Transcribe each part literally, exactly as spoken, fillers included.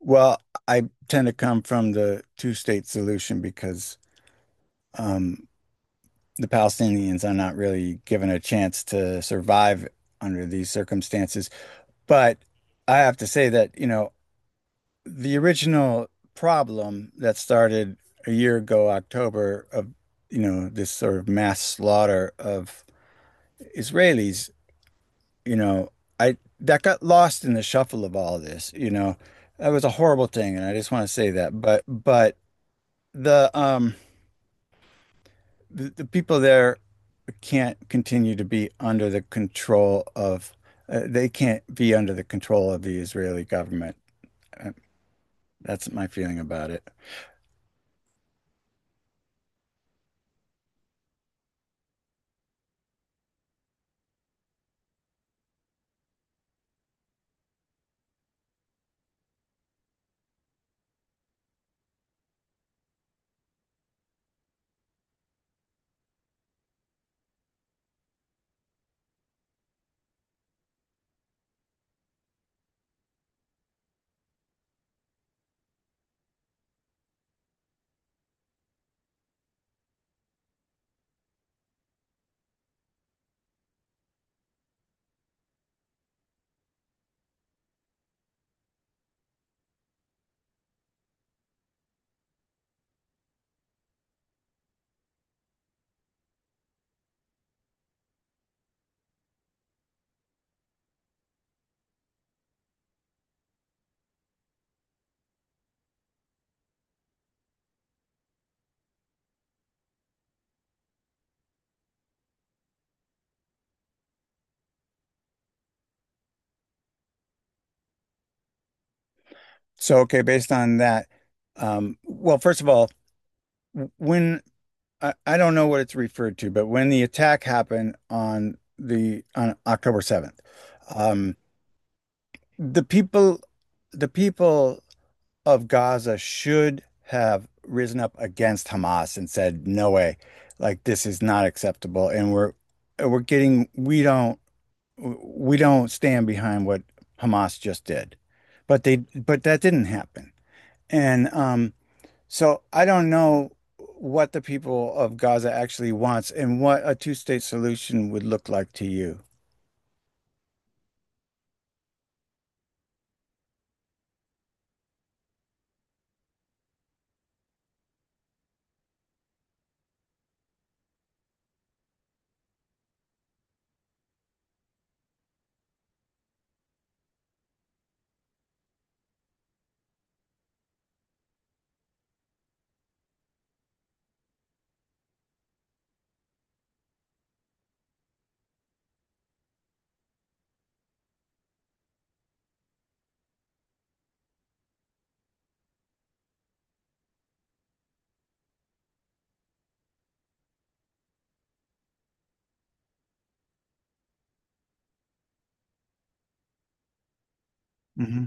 Well, I tend to come from the two-state solution because um, the Palestinians are not really given a chance to survive under these circumstances. But I have to say that, you know, the original problem that started a year ago, October, of, you know, this sort of mass slaughter of Israelis, you know, I that got lost in the shuffle of all this, you know. That was a horrible thing, and I just want to say that. But but the um the, the people there can't continue to be under the control of uh, they can't be under the control of the Israeli government. Uh, That's my feeling about it. So, okay, based on that, um, well, first of all, when I, I don't know what it's referred to, but when the attack happened on the on October seventh, um, the people the people of Gaza should have risen up against Hamas and said, "No way, like this is not acceptable." And we're we're getting we don't we don't stand behind what Hamas just did, but they but that didn't happen. And um, so I don't know what the people of Gaza actually wants and what a two-state solution would look like to you. Hmm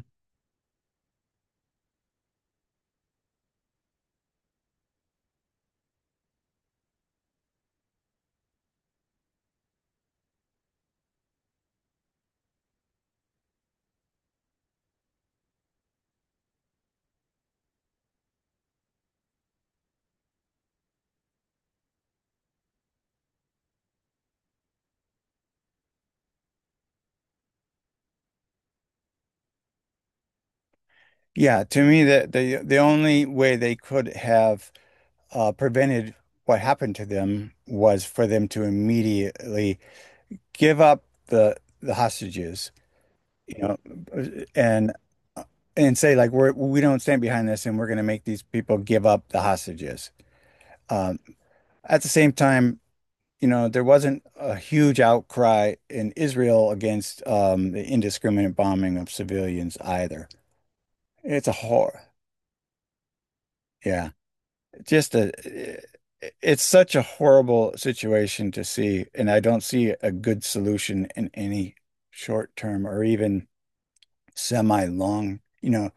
Yeah, to me, the, the the only way they could have uh, prevented what happened to them was for them to immediately give up the the hostages, you know, and and say like we're we don't stand behind this and we're going to make these people give up the hostages. Um, at the same time, you know, there wasn't a huge outcry in Israel against um, the indiscriminate bombing of civilians either. It's a horror. Yeah, just a. It's such a horrible situation to see, and I don't see a good solution in any short term or even semi long. You know,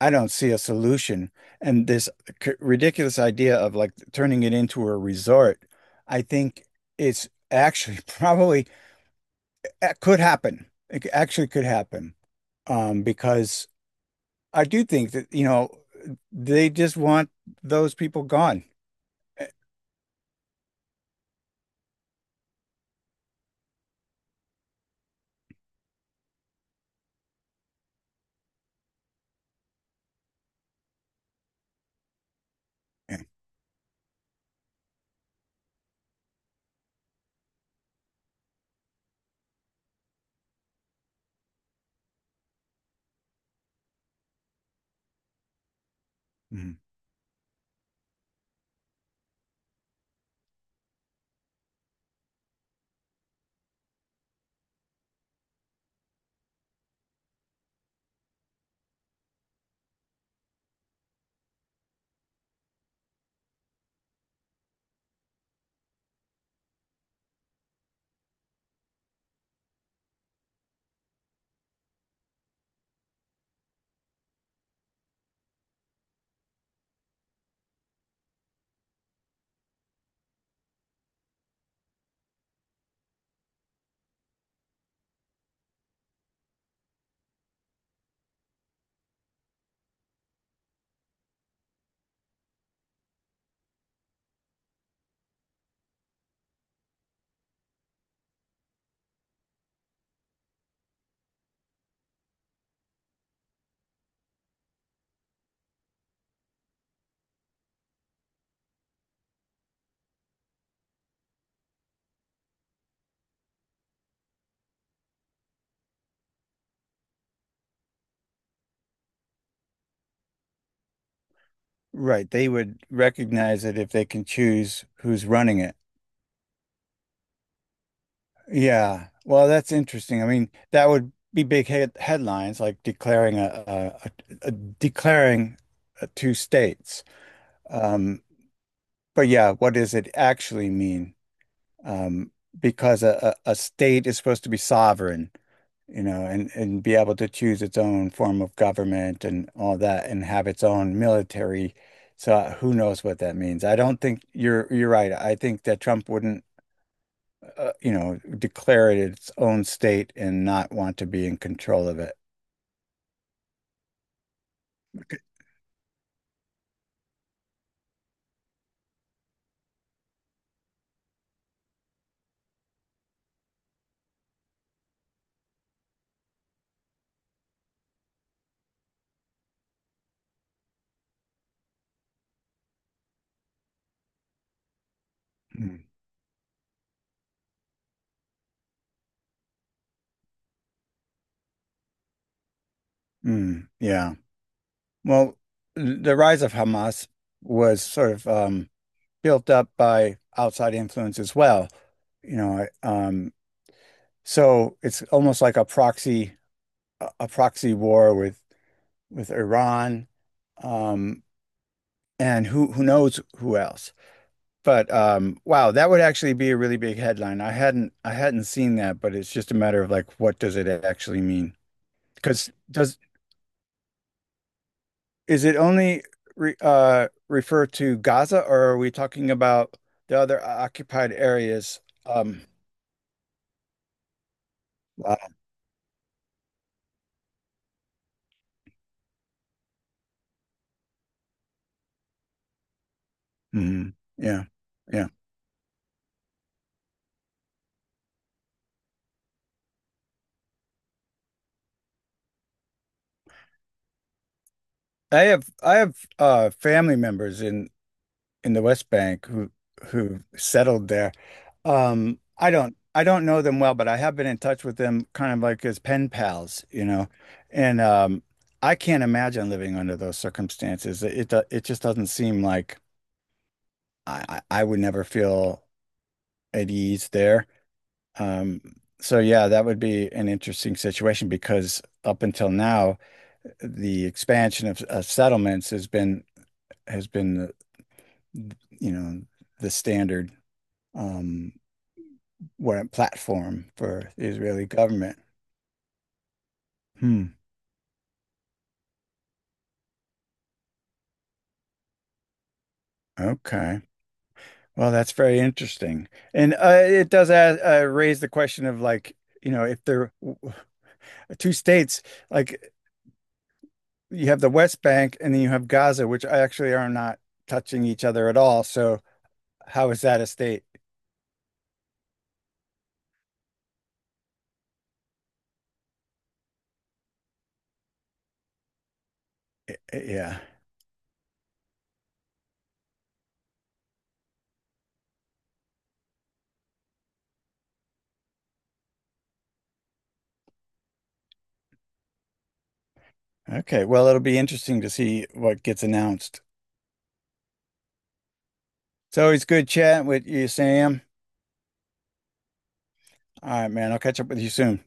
I don't see a solution, and this c- ridiculous idea of like turning it into a resort, I think it's actually probably It could happen. It actually could happen. Um, because I do think that, you know, they just want those people gone. Yeah. Mhm. Right. They would recognize it if they can choose who's running it. Yeah. Well, that's interesting. I mean, that would be big head headlines like declaring a, a, a, a declaring uh, two states. Um, but yeah, what does it actually mean? um, because a, a state is supposed to be sovereign, you know, and, and be able to choose its own form of government and all that and have its own military. So uh, who knows what that means? I don't think you're you're right. I think that Trump wouldn't, uh, you know, declare it its own state and not want to be in control of it. Mm, mm, yeah. Well, the rise of Hamas was sort of um, built up by outside influence as well. You know, um, so it's almost like a proxy a proxy war with with Iran, um, and who who knows who else. But um, wow, that would actually be a really big headline. I hadn't I hadn't seen that, but it's just a matter of like what does it actually mean? Because does is it only re, uh, refer to Gaza, or are we talking about the other occupied areas? Um, wow. Mhm. Yeah, yeah. I have I have uh, family members in in the West Bank who who settled there. Um, I don't I don't know them well, but I have been in touch with them kind of like as pen pals, you know. And um, I can't imagine living under those circumstances. It it, do- it just doesn't seem like I I I would never feel at ease there. Um, so yeah, that would be an interesting situation because up until now, the expansion of, of settlements has been has been the, you know, the standard. Um, weren't platform for the Israeli government. Hmm. Okay. Well, that's very interesting, and uh, it does add, uh, raise the question of like, you know, if there w- two states, like you have the West Bank and then you have Gaza, which actually are not touching each other at all. So how is that a state? Yeah. Okay. Well, it'll be interesting to see what gets announced. It's always good chatting with you, Sam. All right, man. I'll catch up with you soon.